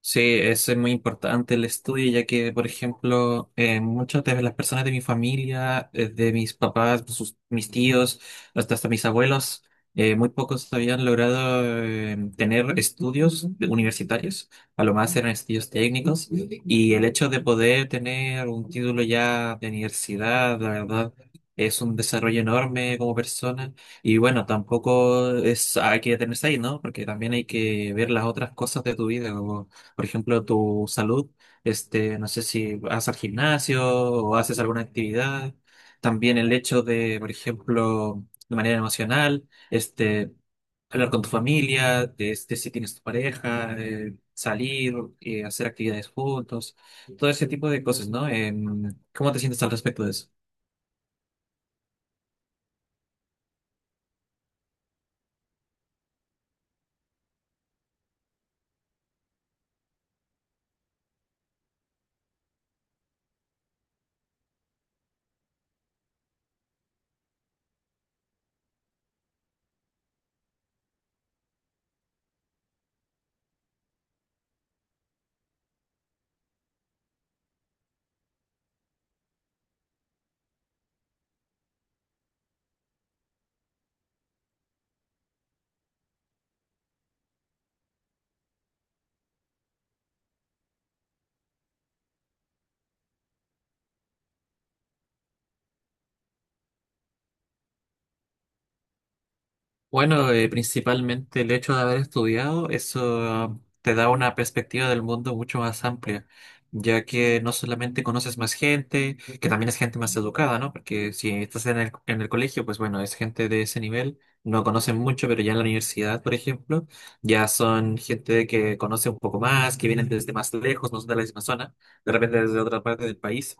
Sí, eso es muy importante el estudio, ya que, por ejemplo, muchas de las personas de mi familia, de mis papás, mis tíos, hasta mis abuelos, muy pocos habían logrado tener estudios universitarios, a lo más eran estudios técnicos, y el hecho de poder tener un título ya de universidad, la verdad, es un desarrollo enorme como persona. Y bueno, tampoco es, hay que detenerse ahí, ¿no? Porque también hay que ver las otras cosas de tu vida, como por ejemplo, tu salud, no sé si vas al gimnasio o haces alguna actividad, también el hecho de, por ejemplo, de manera emocional, hablar con tu familia, de, si tienes tu pareja, salir, hacer actividades juntos, todo ese tipo de cosas, ¿no? ¿Cómo te sientes al respecto de eso? Bueno, principalmente el hecho de haber estudiado, eso te da una perspectiva del mundo mucho más amplia, ya que no solamente conoces más gente, que también es gente más educada, ¿no? Porque si estás en el colegio, pues bueno, es gente de ese nivel, no conocen mucho, pero ya en la universidad, por ejemplo, ya son gente que conoce un poco más, que vienen desde más lejos, no son de la misma zona, de repente desde otra parte del país.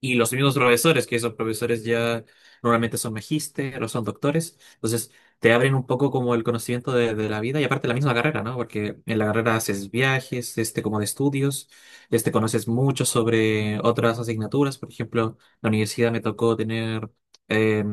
Y los mismos profesores, que esos profesores ya normalmente son magíster o son doctores, entonces te abren un poco como el conocimiento de la vida y aparte la misma carrera, ¿no? Porque en la carrera haces viajes, este como de estudios, este conoces mucho sobre otras asignaturas, por ejemplo, la universidad me tocó tener eh,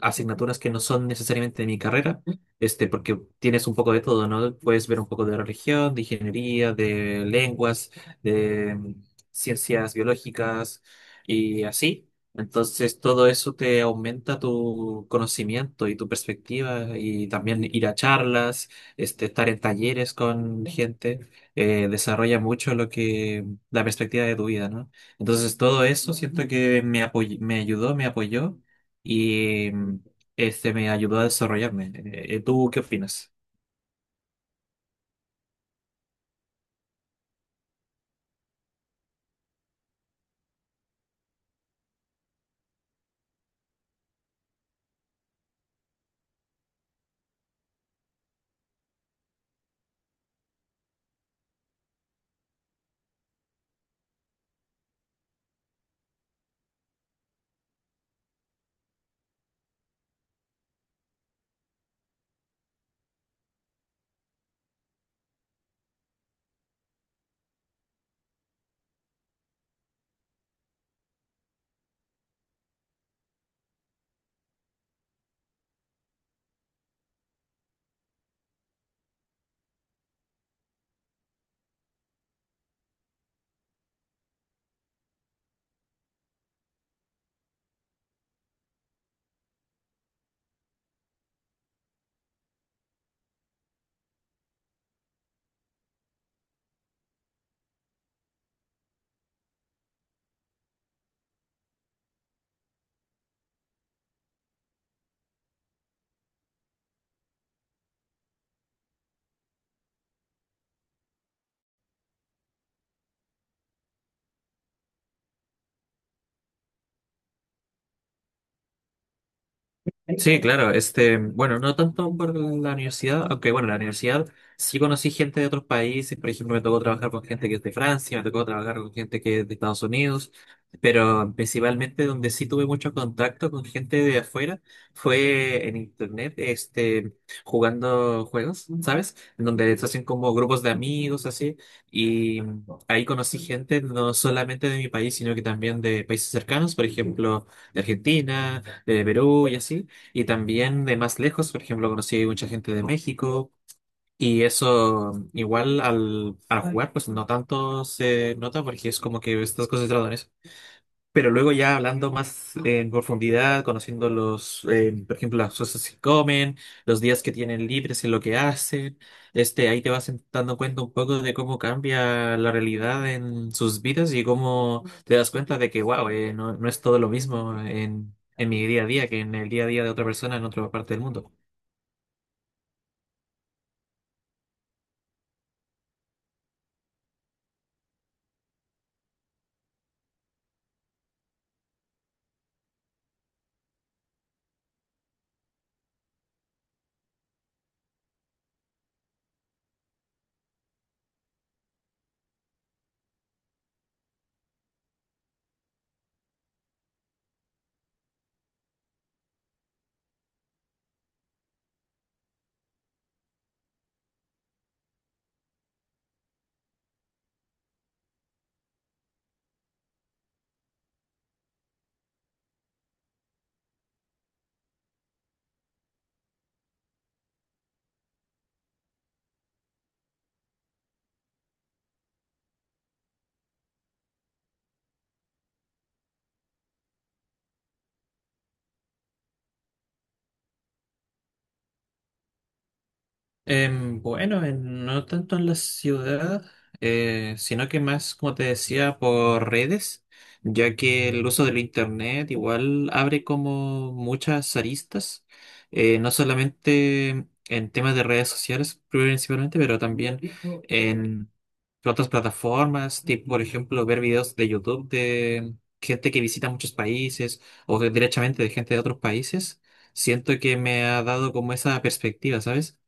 asignaturas que no son necesariamente de mi carrera, este porque tienes un poco de todo, ¿no? Puedes ver un poco de religión, de ingeniería, de lenguas, de ciencias biológicas y así. Entonces todo eso te aumenta tu conocimiento y tu perspectiva y también ir a charlas, este, estar en talleres con gente, desarrolla mucho lo que, la perspectiva de tu vida, ¿no? Entonces todo eso siento que me ayudó, me apoyó y este me ayudó a desarrollarme. ¿Tú qué opinas? Sí, claro, este, bueno, no tanto por la universidad, aunque bueno, la universidad sí conocí gente de otros países, por ejemplo, me tocó trabajar con gente que es de Francia, me tocó trabajar con gente que es de Estados Unidos, pero principalmente donde sí tuve mucho contacto con gente de afuera fue en internet, este, jugando juegos, ¿sabes? En donde se hacen como grupos de amigos, así, y ahí conocí gente no solamente de mi país, sino que también de países cercanos, por ejemplo, de Argentina, de Perú y así. Y también de más lejos, por ejemplo, conocí mucha gente de México y eso igual al jugar, pues no tanto se nota porque es como que estás concentrado en eso. Pero luego ya hablando más en profundidad, conociendo los, por ejemplo, las cosas que comen, los días que tienen libres y lo que hacen, este, ahí te vas dando cuenta un poco de cómo cambia la realidad en sus vidas y cómo te das cuenta de que, wow, no, no es todo lo mismo en mi día a día que en el día a día de otra persona en otra parte del mundo. Bueno, no tanto en la ciudad, sino que más, como te decía, por redes, ya que el uso del internet igual abre como muchas aristas, no solamente en temas de redes sociales principalmente, pero también en otras plataformas, tipo por ejemplo ver videos de YouTube de gente que visita muchos países o directamente de gente de otros países. Siento que me ha dado como esa perspectiva, ¿sabes?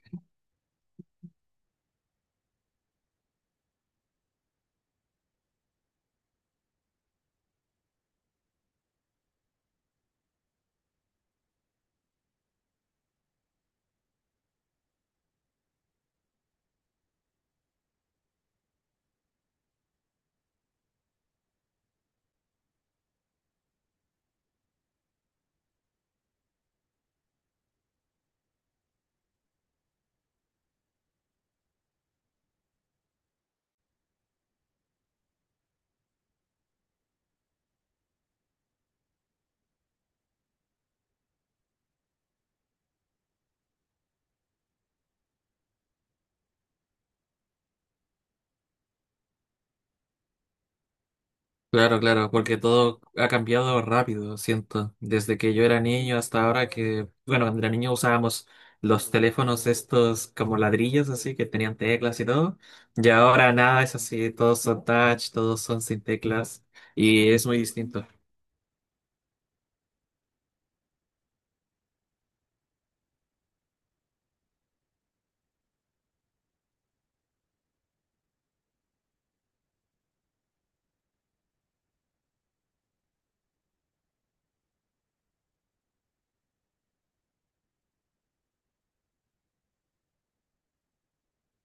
Claro, claro, porque todo ha cambiado rápido, siento. Desde que yo era niño hasta ahora que, bueno, cuando era niño usábamos los teléfonos estos como ladrillos, así, que tenían teclas y todo. Y ahora nada es así, todos son touch, todos son sin teclas. Y es muy distinto.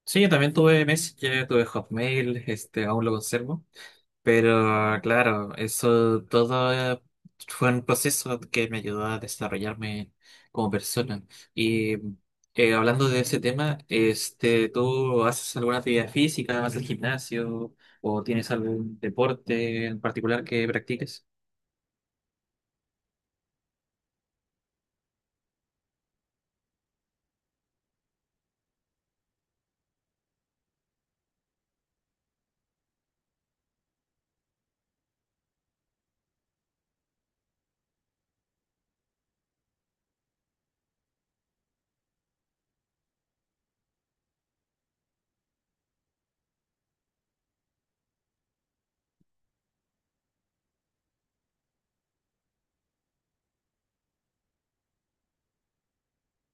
Sí, yo también tuve Messenger, tuve Hotmail, este, aún lo conservo. Pero claro, eso todo fue un proceso que me ayudó a desarrollarme como persona. Y hablando de ese tema, este, ¿tú haces alguna actividad física, vas al gimnasio o tienes algún deporte en particular que practiques?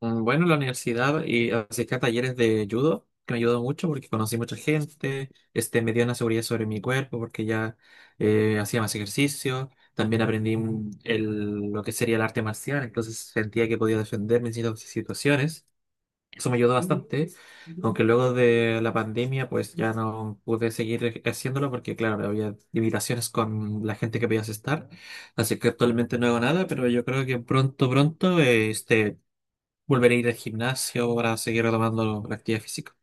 Mm, bueno, la universidad y asistí a talleres de judo, que me ayudó mucho porque conocí mucha gente, este, me dio una seguridad sobre mi cuerpo porque ya hacía más ejercicio, también aprendí lo que sería el arte marcial, entonces sentía que podía defenderme en ciertas situaciones. Eso me ayudó bastante, aunque luego de la pandemia pues ya no pude seguir haciéndolo porque claro, había limitaciones con la gente que podías estar, así que actualmente no hago nada, pero yo creo que pronto, pronto, volver a ir al gimnasio para seguir retomando la actividad física.